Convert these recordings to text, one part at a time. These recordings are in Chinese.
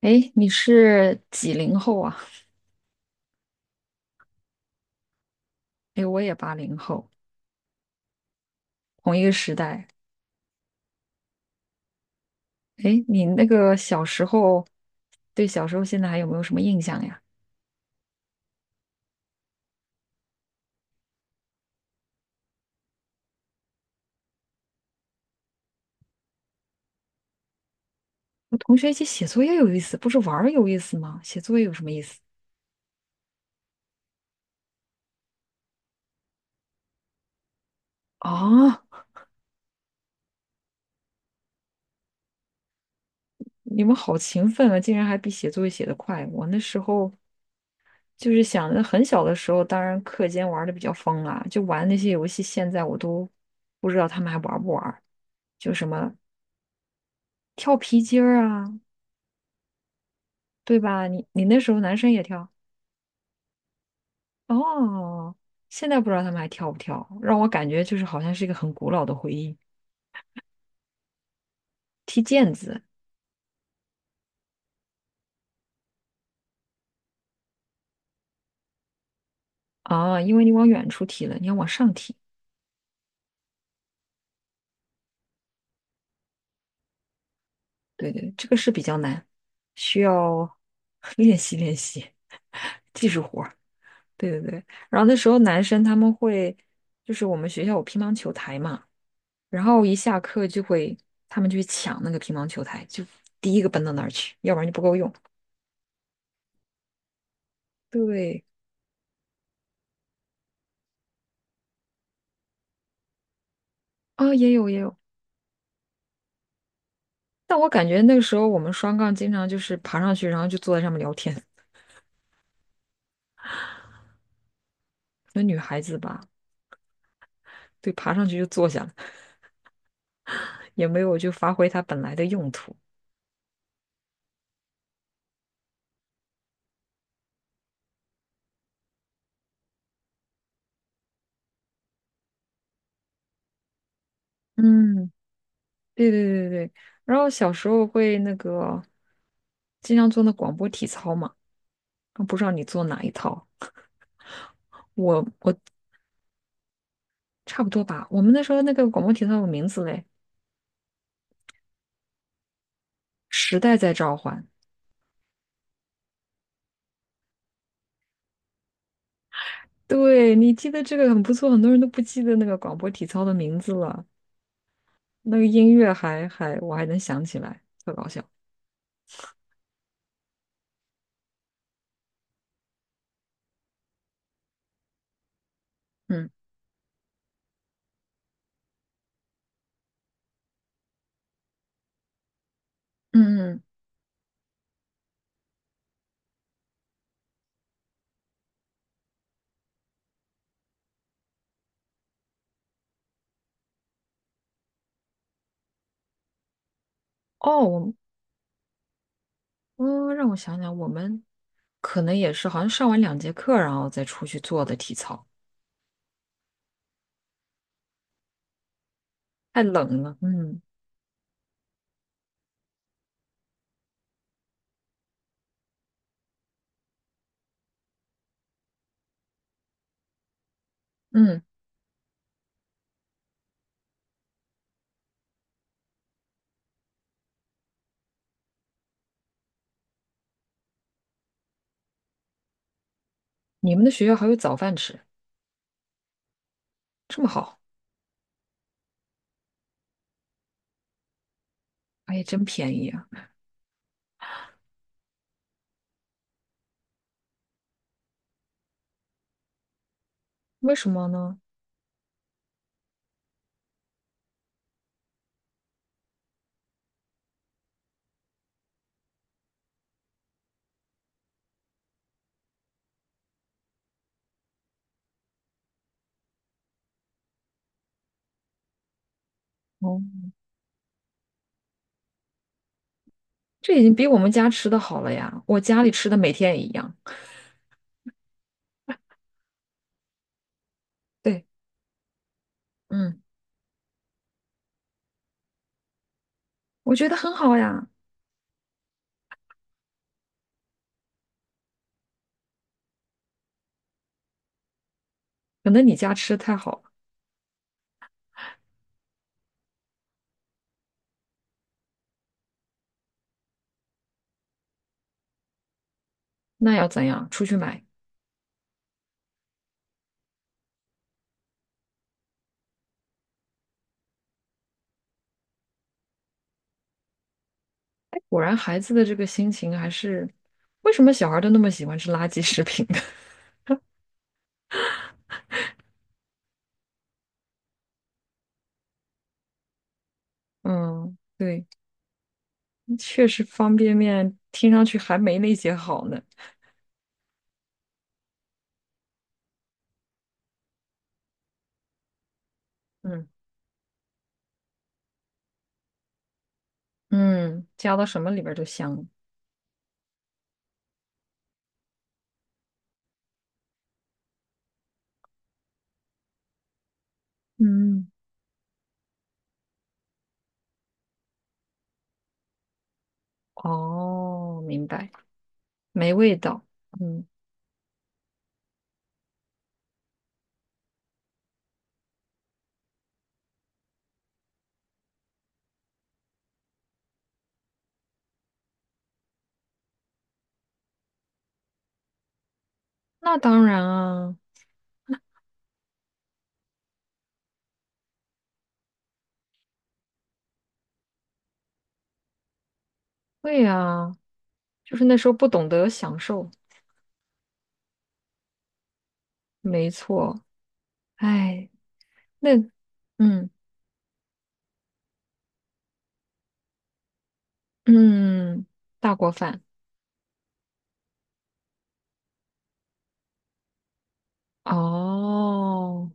哎，你是几零后啊？哎，我也80后，同一个时代。哎，你那个小时候，对小时候现在还有没有什么印象呀？和同学一起写作业有意思，不是玩儿有意思吗？写作业有什么意思啊？你们好勤奋啊，竟然还比写作业写得快。我那时候就是想着很小的时候，当然课间玩的比较疯啊，就玩那些游戏，现在我都不知道他们还玩不玩儿，就什么跳皮筋儿啊，对吧？你那时候男生也跳。哦，现在不知道他们还跳不跳，让我感觉就是好像是一个很古老的回忆。踢毽子啊，因为你往远处踢了，你要往上踢。对对，这个是比较难，需要 练习练习技术活儿。对对对，然后那时候男生他们会，就是我们学校有乒乓球台嘛，然后一下课就会他们就去抢那个乒乓球台，就第一个奔到那儿去，要不然就不够用。对啊，也有也有，但我感觉那个时候我们双杠经常就是爬上去，然后就坐在上面聊天。那女孩子吧，对，爬上去就坐下了，也没有就发挥它本来的用途。嗯，对对对对，然后小时候会那个经常做那广播体操嘛，啊不知道你做哪一套？我差不多吧。我们那时候那个广播体操有名字嘞，《时代在召唤》。对，你记得这个很不错，很多人都不记得那个广播体操的名字了。那个音乐还我还能想起来，特搞笑。嗯嗯嗯，哦，让我想想，我们可能也是好像上完2节课，然后再出去做的体操，太冷了。嗯嗯，你们的学校还有早饭吃，这么好，哎，真便宜啊！为什么呢？哦，这已经比我们家吃的好了呀，我家里吃的每天也一样。对，嗯，我觉得很好呀，可能你家吃的太好了，那要怎样？出去买。果然，孩子的这个心情还是，为什么小孩都那么喜欢吃垃圾食品？嗯，对。确实方便面听上去还没那些好呢。嗯嗯，加到什么里边儿都香了嗯，哦，明白，没味道。嗯，那当然啊，会啊，就是那时候不懂得享受，没错。哎，那，嗯嗯，大锅饭。哦，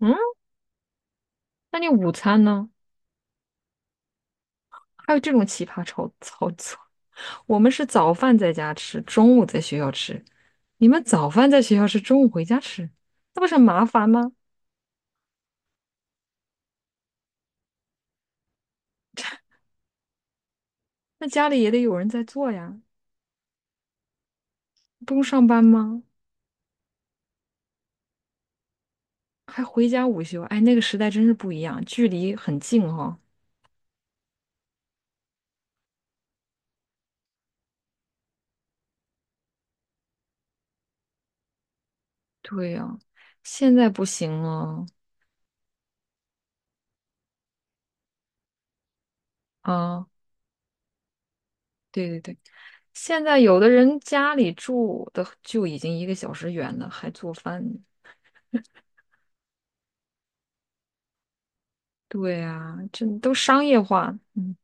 嗯，那你午餐呢？还有这种奇葩操作？我们是早饭在家吃，中午在学校吃。你们早饭在学校吃，中午回家吃，那不是很麻烦吗？那家里也得有人在做呀，不用上班吗？还回家午休，哎，那个时代真是不一样，距离很近哈。对呀，现在不行了啊，对对对，现在有的人家里住的就已经1个小时远了，还做饭呢对呀，这都商业化，嗯。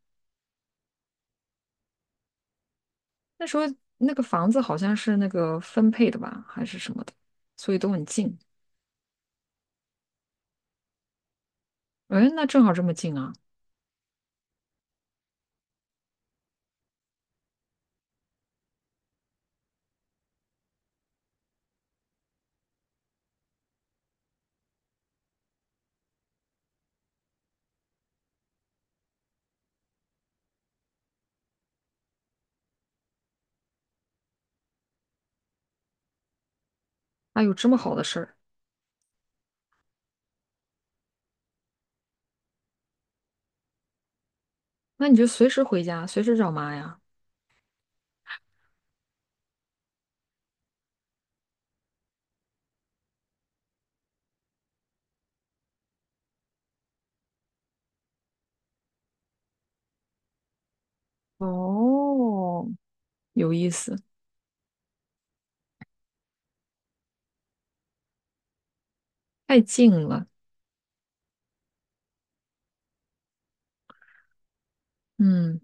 那时候那个房子好像是那个分配的吧，还是什么的，所以都很近。哎，那正好这么近啊！哎呦，这么好的事儿，那你就随时回家，随时找妈呀。哦，有意思，太近了。嗯，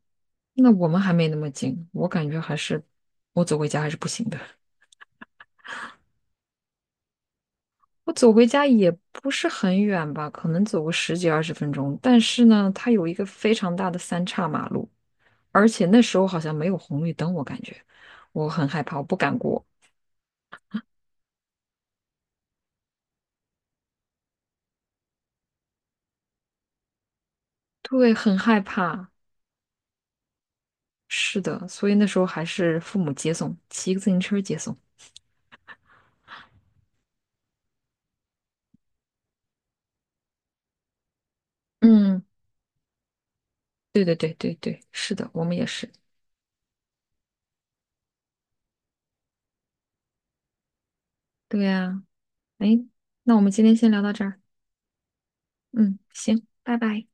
那我们还没那么近，我感觉还是我走回家还是不行的。我走回家也不是很远吧，可能走个十几二十分钟。但是呢，它有一个非常大的三岔马路，而且那时候好像没有红绿灯，我感觉我很害怕，我不敢过。对，很害怕。是的，所以那时候还是父母接送，骑个自行车接送。嗯，对对对对对，是的，我们也是。对呀，哎，那我们今天先聊到这儿。嗯，行，拜拜。